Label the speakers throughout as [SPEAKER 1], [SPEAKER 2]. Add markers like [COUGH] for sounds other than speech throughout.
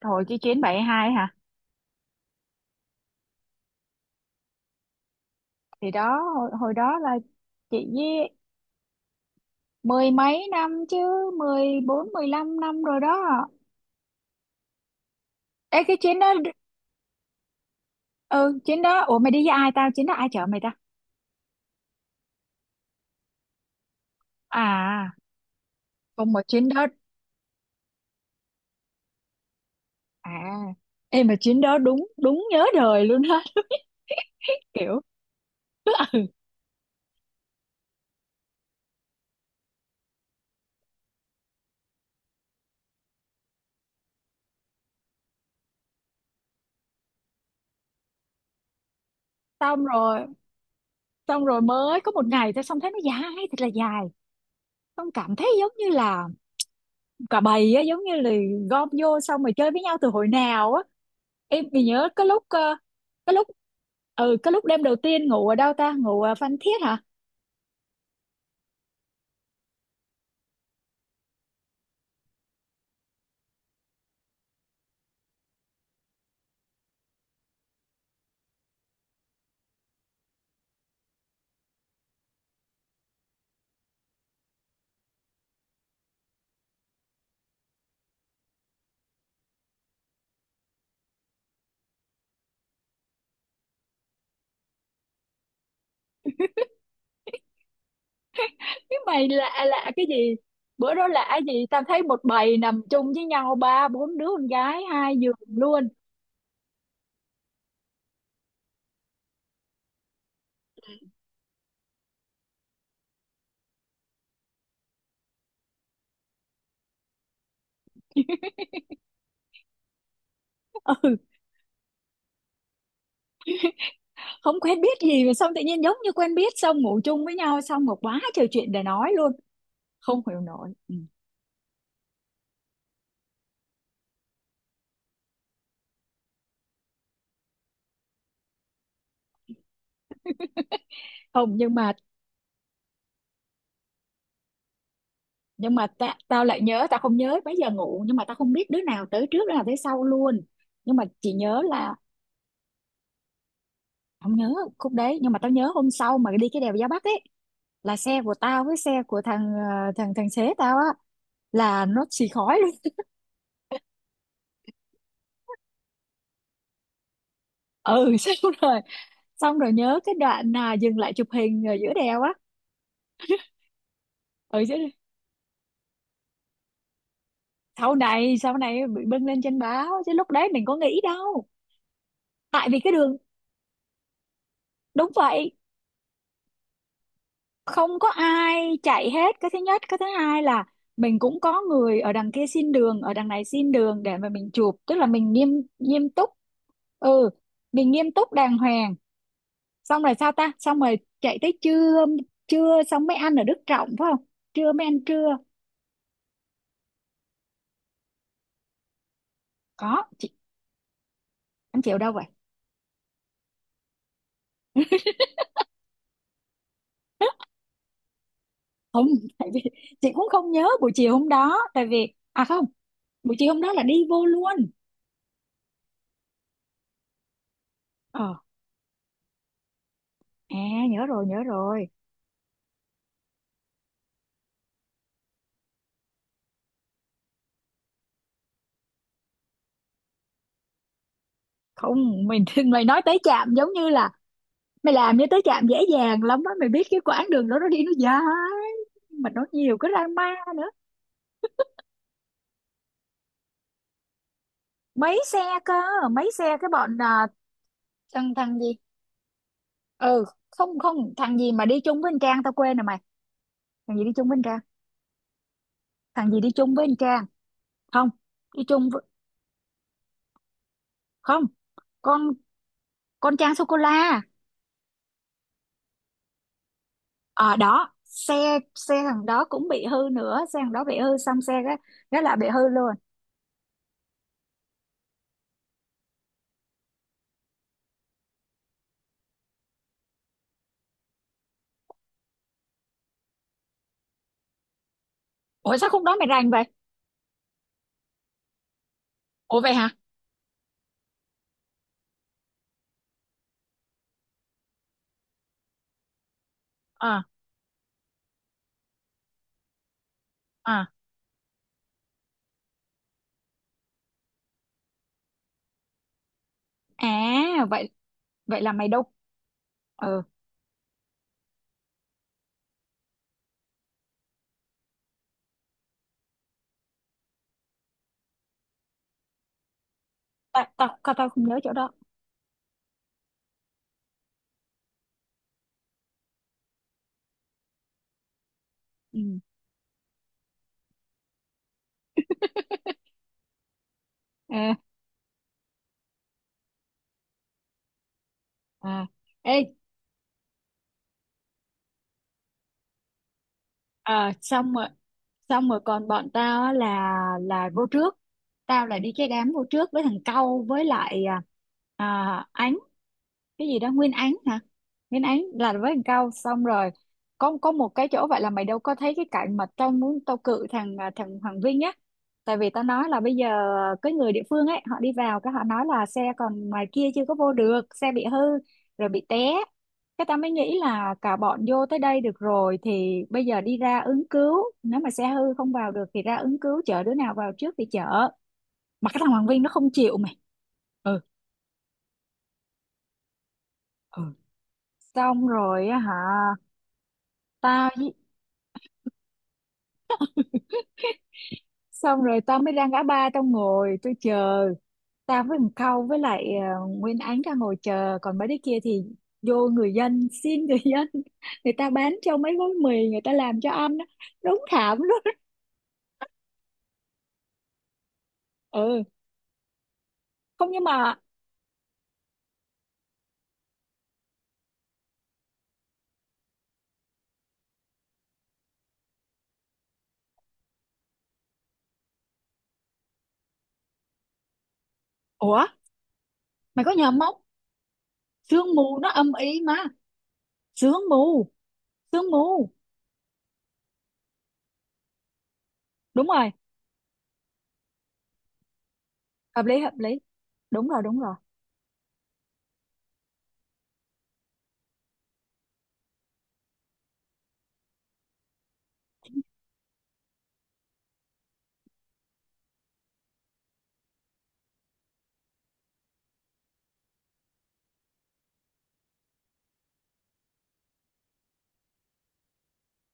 [SPEAKER 1] Rồi. 72 hả? Thì đó hồi đó là chị với mười mấy năm chứ, 14 15 năm rồi đó. Ê cái chuyến đó, ừ chuyến đó. Ủa mày đi với ai? Tao chuyến đó ai chở mày ta? À không, mà chuyến đó, à em mà chuyến đó đúng đúng nhớ đời luôn á. [LAUGHS] Kiểu xong rồi xong rồi mới có một ngày thôi, xong thấy nó dài thật là dài, xong cảm thấy giống như là cả bầy á, giống như là gom vô xong rồi chơi với nhau từ hồi nào á. Em thì nhớ cái lúc cái lúc, ừ cái lúc đêm đầu tiên ngủ ở đâu ta, ngủ ở Phan Thiết hả? Cái mày lạ, lạ cái gì? Bữa đó lạ gì, tao thấy một bầy nằm chung với nhau, 3 4 đứa con gái 2 giường luôn. [LAUGHS] Ừ, không quen biết gì mà xong tự nhiên giống như quen biết, xong ngủ chung với nhau, xong một quá trời chuyện để nói luôn. Không hiểu nổi, ừ. [LAUGHS] Không nhưng mà, nhưng mà tao lại nhớ, tao không nhớ mấy giờ ngủ nhưng mà tao không biết đứa nào tới trước đứa nào tới sau luôn. Nhưng mà chỉ nhớ là, không nhớ khúc đấy nhưng mà tao nhớ hôm sau mà đi cái đèo Gia Bắc ấy, là xe của tao với xe của thằng thằng thằng xế tao á, là nó xì khói luôn. Ừ. [LAUGHS] Xong rồi, xong rồi nhớ cái đoạn là dừng lại chụp hình ở giữa đèo á. Ừ chứ, sau này bị bưng lên trên báo chứ lúc đấy mình có nghĩ đâu. Tại vì cái đường, đúng vậy, không có ai chạy hết. Cái thứ nhất, cái thứ hai là mình cũng có người ở đằng kia xin đường, ở đằng này xin đường để mà mình chụp, tức là mình nghiêm, nghiêm túc. Ừ, mình nghiêm túc đàng hoàng. Xong rồi sao ta, xong rồi chạy tới trưa. Trưa xong mới ăn ở Đức Trọng phải không, trưa mới ăn trưa? Có chị, ăn chiều đâu vậy? Không. [LAUGHS] Tại vì chị cũng không nhớ buổi chiều hôm đó, tại vì à không, buổi chiều hôm đó là đi vô luôn. Ờ, à, nhớ rồi, nhớ rồi. Không mình, [LAUGHS] mày nói tới chạm giống như là, mày làm như tới trạm dễ dàng lắm á. Mày biết cái quãng đường đó nó đi nó dài, mà nó nhiều cái drama nữa. Mấy xe cơ, mấy xe, cái bọn, thằng, thằng gì. Ừ không không, thằng gì mà đi chung với anh Trang, tao quên rồi mày. Thằng gì đi chung với anh Trang, thằng gì đi chung với anh Trang? Không, đi chung với, không, con, con Trang sô cô la. Ở đó xe, xe thằng đó cũng bị hư nữa, xe thằng đó bị hư, xong xe cái là bị hư luôn. Ủa sao khúc đó mày rành vậy? Ủa vậy hả? Ờ, ờ, à, à vậy, vậy là mày đâu? Ờ, tao tao tao tao không nhớ chỗ đó. Ừ. [LAUGHS] À, à. Ê, xong rồi, xong rồi còn bọn tao á, là vô trước. Tao là đi cái đám vô trước với thằng Câu với lại Ánh, cái gì đó, Nguyên Án hả? Nguyên Án là với thằng Cao. Xong rồi có một cái chỗ, vậy là mày đâu có thấy cái cảnh mà tao muốn tao cự thằng thằng Hoàng Vinh á. Tại vì tao nói là bây giờ cái người địa phương ấy họ đi vào, cái họ nói là xe còn ngoài kia chưa có vô được, xe bị hư rồi bị té. Cái tao mới nghĩ là cả bọn vô tới đây được rồi thì bây giờ đi ra ứng cứu, nếu mà xe hư không vào được thì ra ứng cứu, chở đứa nào vào trước thì chở. Mà cái thằng Hoàng Vinh nó không chịu mày. Ừ, ừ, xong rồi á hả. Tao với- xong rồi tao mới ra ngã ba, tao ngồi tôi chờ. Tao với thằng Khâu với lại Nguyên Ánh ra ngồi chờ, còn mấy đứa kia thì vô người dân, [LAUGHS] xin người dân. [LAUGHS] Người ta bán cho mấy gói mì, người ta làm cho ăn á. Đúng thảm luôn. [LAUGHS] Ừ, không nhưng mà, ủa mày có nhầm không? Sương mù nó âm ý mà, sương mù, sương mù. Đúng rồi, hợp lý, hợp lý. Đúng rồi, đúng rồi.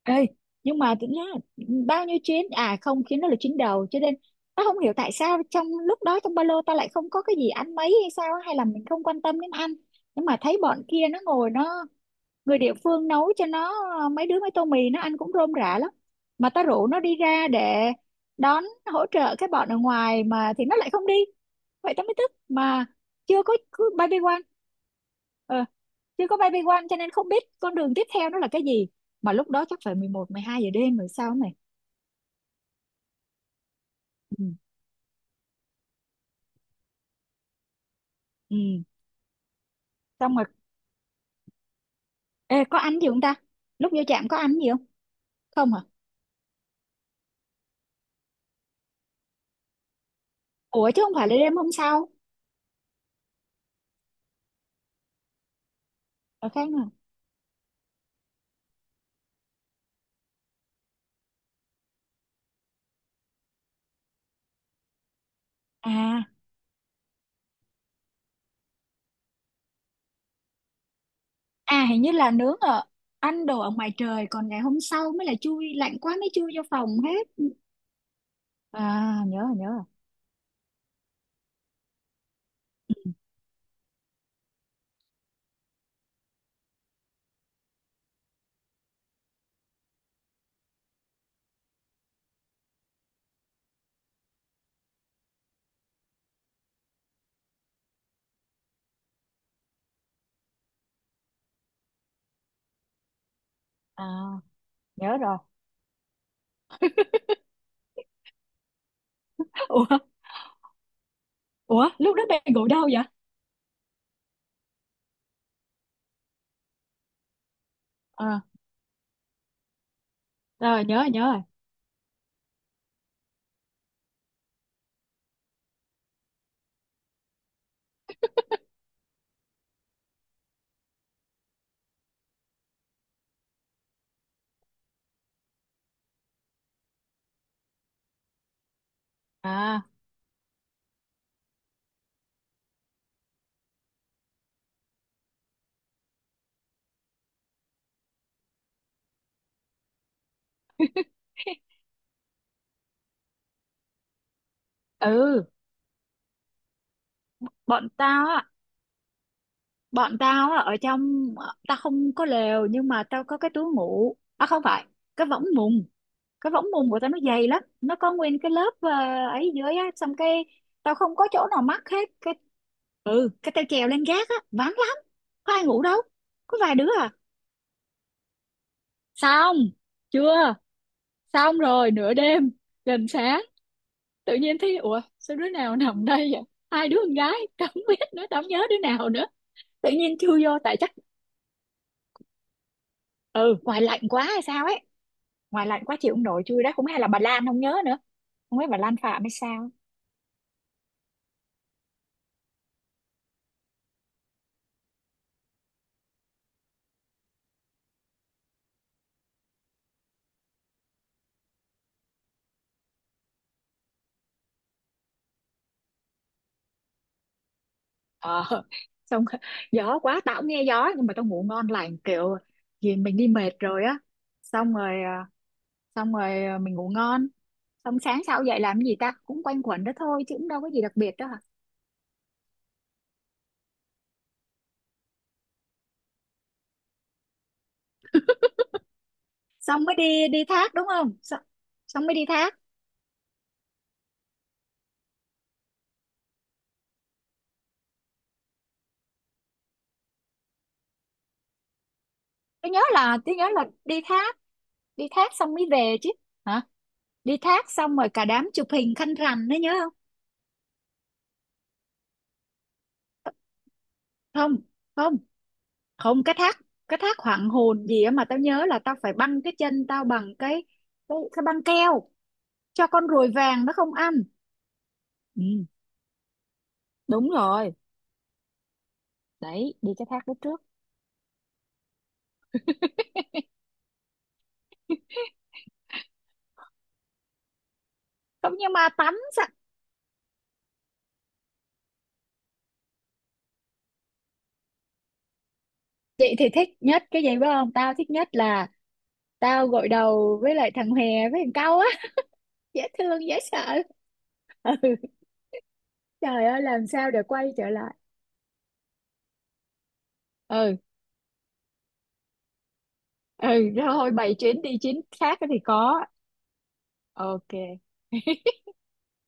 [SPEAKER 1] Ê, nhưng mà tính ra bao nhiêu chuyến, à không, chuyến đó là chuyến đầu cho nên tao không hiểu tại sao trong lúc đó trong ba lô tao lại không có cái gì ăn mấy hay sao á, hay là mình không quan tâm đến ăn. Nhưng mà thấy bọn kia nó ngồi, nó người địa phương nấu cho nó mấy đứa mấy tô mì, nó ăn cũng rôm rả lắm. Mà ta rủ nó đi ra để đón, hỗ trợ cái bọn ở ngoài mà thì nó lại không đi, vậy ta mới tức mà. Chưa có cứ baby one, ờ, chưa có baby one cho nên không biết con đường tiếp theo nó là cái gì. Mà lúc đó chắc phải 11 12 giờ đêm rồi sao này. Ừ. Ừ. Xong rồi ê, có ăn gì không ta, lúc vô trạm có ăn gì không? Không hả? Ủa chứ không phải là đêm hôm sau, ở khác nào? À, à hình như là nướng ở, ăn đồ ở ngoài trời, còn ngày hôm sau mới là chui lạnh quá mới chui vô phòng hết. À nhớ rồi, nhớ rồi. À nhớ rồi. [LAUGHS] Ủa, ủa lúc đó bạn ngủ đâu vậy? À rồi, nhớ rồi, nhớ rồi. À. [LAUGHS] Ừ, bọn tao á bọn tao á ở trong tao không có lều nhưng mà tao có cái túi ngủ. À không phải, cái võng mùng. Cái võng mùng của tao nó dày lắm, nó có nguyên cái lớp ấy dưới á. Xong cái tao không có chỗ nào mắc hết. Cái ừ, cái tao trèo lên gác á, vắng lắm, có ai ngủ đâu, có vài đứa à. Xong chưa, xong rồi nửa đêm gần sáng, tự nhiên thấy ủa sao đứa nào nằm đây vậy, hai đứa con gái. [LAUGHS] Tao không biết nữa, tao không nhớ đứa nào nữa, tự nhiên chui vô, tại chắc ừ ngoài lạnh quá hay sao ấy. Ngoài lạnh quá chịu không nổi chui đó, cũng hay là bà Lan, không nhớ nữa, không biết bà Lan Phạm hay sao. Ờ, xong. [LAUGHS] Gió quá, tao cũng nghe gió nhưng mà tao ngủ ngon lành kiểu, vì mình đi mệt rồi á. Xong rồi xong rồi mình ngủ ngon. Xong sáng sau dậy làm cái gì ta, cũng quanh quẩn đó thôi chứ cũng đâu có gì đặc biệt đó hả. Xong mới đi, đi thác đúng không, xong, xong mới đi thác. Tôi nhớ là tôi nhớ là đi thác, đi thác xong mới về chứ, hả? Đi thác xong rồi cả đám chụp hình khăn rằn đấy, nhớ không? Không, không, không cái thác, cái thác hoàng hồn gì á mà tao nhớ là tao phải băng cái chân tao bằng cái, cái băng keo cho con ruồi vàng nó không ăn. Ừ, đúng rồi, đấy đi cái thác lúc trước. [LAUGHS] Không nhưng mà tắm sạch. Chị thì thích nhất cái gì biết không, tao thích nhất là tao gội đầu với lại thằng Hè với thằng Cau á, dễ thương dễ sợ. Ừ. Trời ơi làm sao để quay trở lại. Ừ, ừ. Thôi bày chuyến đi chuyến khác thì có. OK.